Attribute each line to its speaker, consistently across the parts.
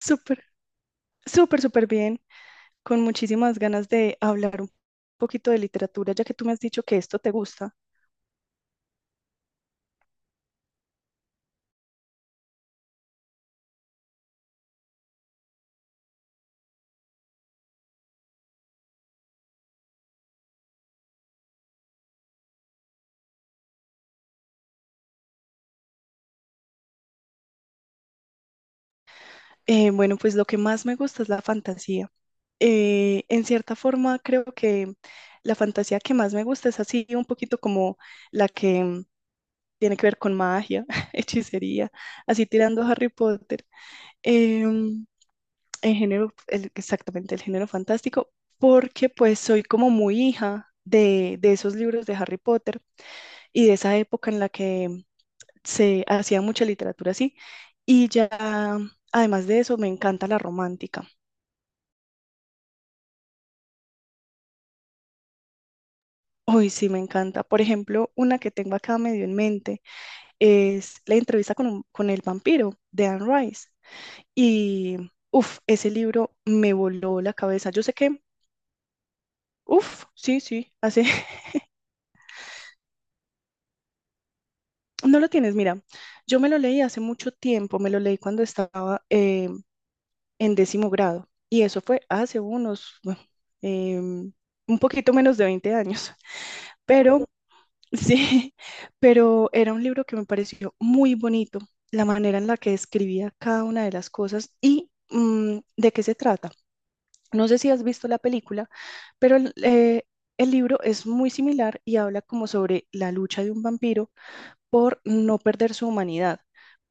Speaker 1: Súper, súper, súper bien, con muchísimas ganas de hablar un poquito de literatura, ya que tú me has dicho que esto te gusta. Bueno, pues lo que más me gusta es la fantasía. En cierta forma, creo que la fantasía que más me gusta es así, un poquito como la que tiene que ver con magia, hechicería, así tirando a Harry Potter. Em, el género, exactamente, el género fantástico, porque pues soy como muy hija de esos libros de Harry Potter, y de esa época en la que se hacía mucha literatura así. Y ya, además de eso, me encanta la romántica. Hoy sí me encanta. Por ejemplo, una que tengo acá medio en mente es la entrevista con, con el vampiro de Anne Rice. Y uff, ese libro me voló la cabeza. Yo sé que, uff, sí, sí, hace. No lo tienes, mira, yo me lo leí hace mucho tiempo, me lo leí cuando estaba, en décimo grado. Y eso fue hace unos, bueno, em, un poquito menos de 20 años. Pero sí, pero era un libro que me pareció muy bonito, la manera en la que describía cada una de las cosas y de qué se trata. No sé si has visto la película, pero el libro es muy similar y habla como sobre la lucha de un vampiro por no perder su humanidad,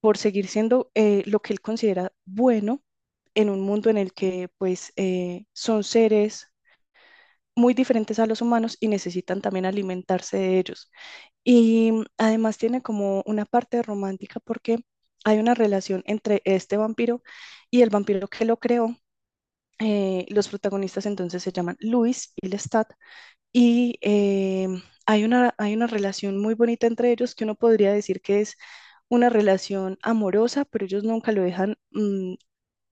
Speaker 1: por seguir siendo lo que él considera bueno en un mundo en el que pues son seres muy diferentes a los humanos y necesitan también alimentarse de ellos. Y además tiene como una parte romántica porque hay una relación entre este vampiro y el vampiro que lo creó. Los protagonistas entonces se llaman Luis y Lestat, y hay una relación muy bonita entre ellos que uno podría decir que es una relación amorosa, pero ellos nunca lo dejan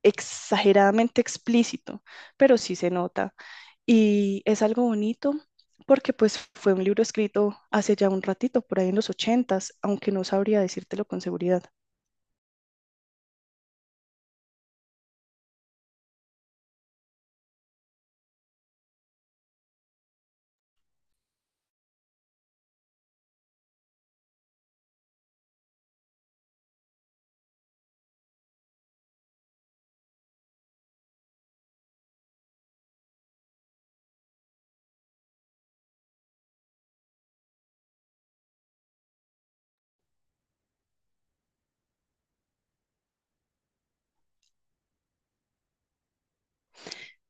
Speaker 1: exageradamente explícito, pero sí se nota. Y es algo bonito porque pues fue un libro escrito hace ya un ratito, por ahí en los 80, aunque no sabría decírtelo con seguridad.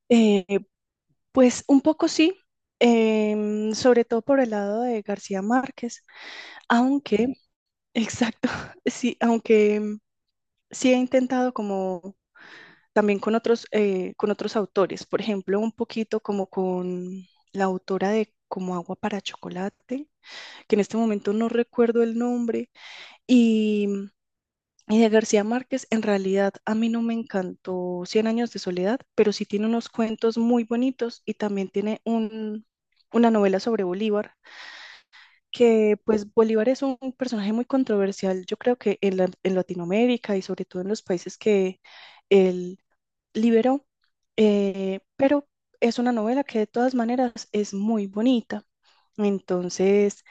Speaker 1: Eh, pues un poco sí, sobre todo por el lado de García Márquez, aunque, exacto, sí, aunque sí he intentado como también con otros autores, por ejemplo, un poquito como con la autora de Como agua para chocolate, que en este momento no recuerdo el nombre, y, y de García Márquez, en realidad a mí no me encantó Cien años de soledad, pero sí tiene unos cuentos muy bonitos y también tiene un, una novela sobre Bolívar, que pues Bolívar es un personaje muy controversial, yo creo que en Latinoamérica y sobre todo en los países que él liberó, pero es una novela que de todas maneras es muy bonita. Entonces,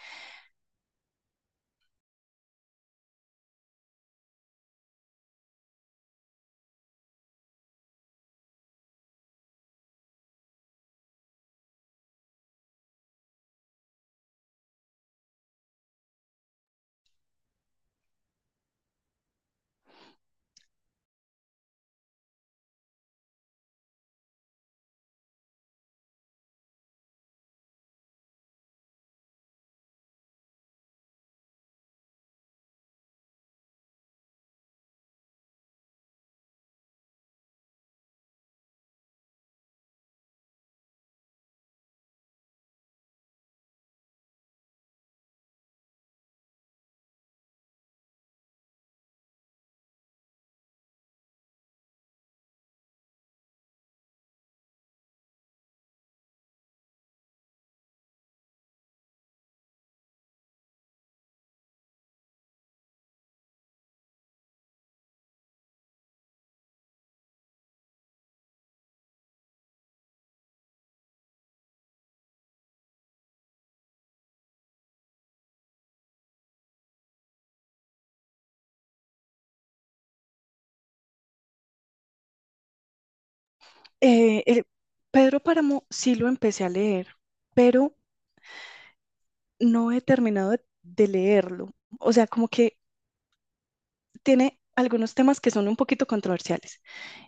Speaker 1: eh, el- Pedro Páramo sí lo empecé a leer, pero no he terminado de, leerlo. O sea, como que tiene algunos temas que son un poquito controversiales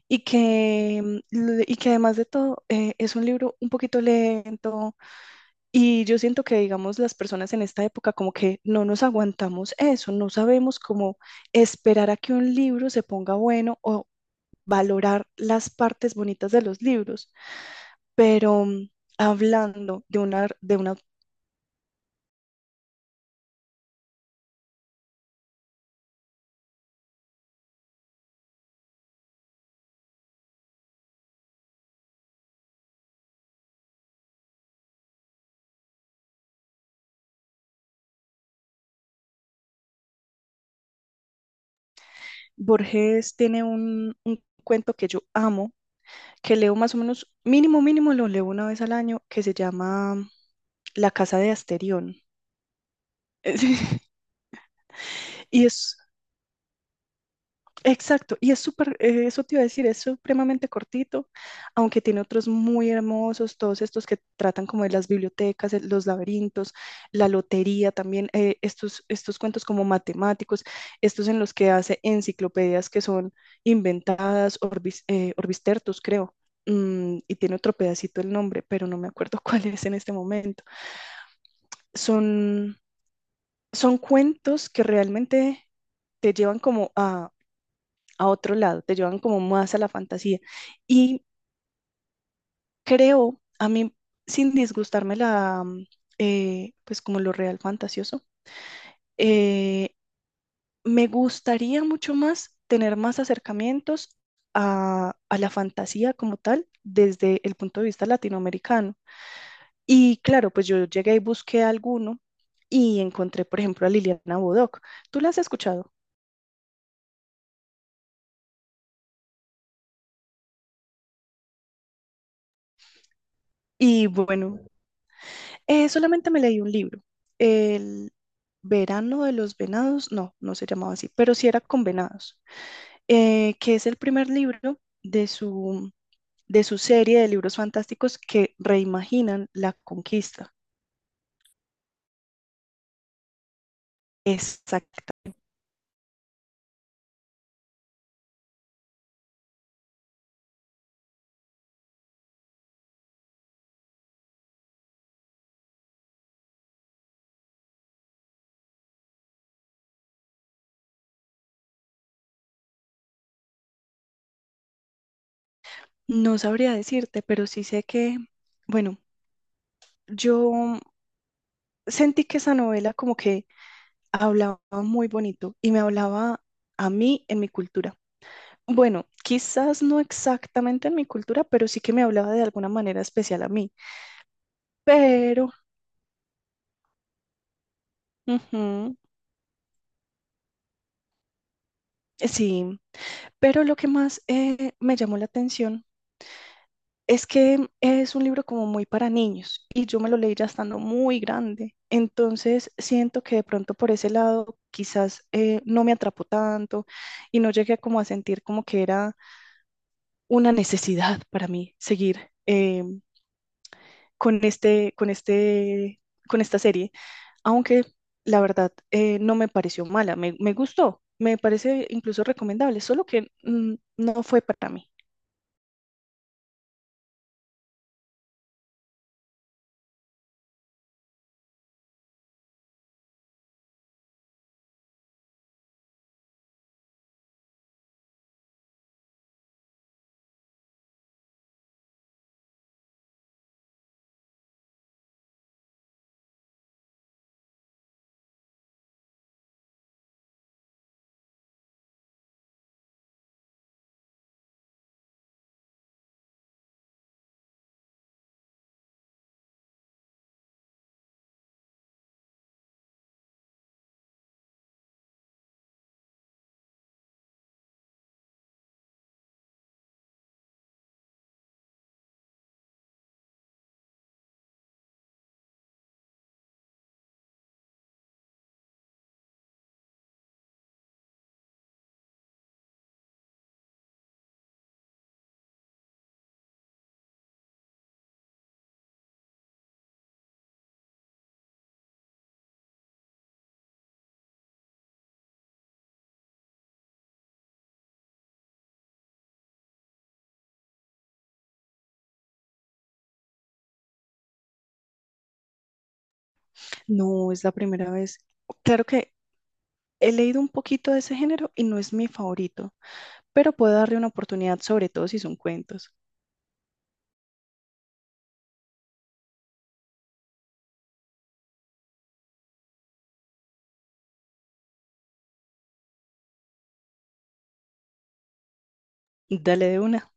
Speaker 1: y que, y que además de todo es un libro un poquito lento. Y yo siento que, digamos, las personas en esta época como que no nos aguantamos eso, no sabemos cómo esperar a que un libro se ponga bueno o valorar las partes bonitas de los libros. Pero hablando de una, de una. Borges tiene un cuento que yo amo, que leo más o menos, mínimo, mínimo, lo leo una vez al año, que se llama La Casa de Asterión. Sí. Y es, Exacto, y es súper, eso te iba a decir, es supremamente cortito, aunque tiene otros muy hermosos, todos estos que tratan como de las bibliotecas, los laberintos, la lotería también, estos cuentos como matemáticos, estos en los que hace enciclopedias que son inventadas, Orbis, Orbistertus, creo, y tiene otro pedacito el nombre, pero no me acuerdo cuál es en este momento. Son, son cuentos que realmente te llevan como a otro lado, te llevan como más a la fantasía. Y creo, a mí, sin disgustarme la, pues como lo real fantasioso, eh, me gustaría mucho más tener más acercamientos a la fantasía como tal desde el punto de vista latinoamericano. Y claro, pues yo llegué y busqué alguno y encontré, por ejemplo, a Liliana Bodoc. ¿Tú la has escuchado? Y bueno, solamente me leí un libro, El Verano de los Venados, no, no se llamaba así, pero sí era con venados, que es el primer libro de su, serie de libros fantásticos que reimaginan la conquista. Exacta. No sabría decirte, pero sí sé que, bueno, yo sentí que esa novela como que hablaba muy bonito y me hablaba a mí en mi cultura. Bueno, quizás no exactamente en mi cultura, pero sí que me hablaba de alguna manera especial a mí. Pero, Ujú, sí, pero lo que más me llamó la atención es que es un libro como muy para niños y yo me lo leí ya estando muy grande. Entonces siento que de pronto por ese lado quizás no me atrapó tanto y no llegué como a sentir como que era una necesidad para mí seguir con este, con este, con esta serie, aunque la verdad no me pareció mala, me gustó, me parece incluso recomendable, solo que no fue para mí. No es la primera vez. Claro que he leído un poquito de ese género y no es mi favorito, pero puedo darle una oportunidad, sobre todo si son cuentos. Dale de una.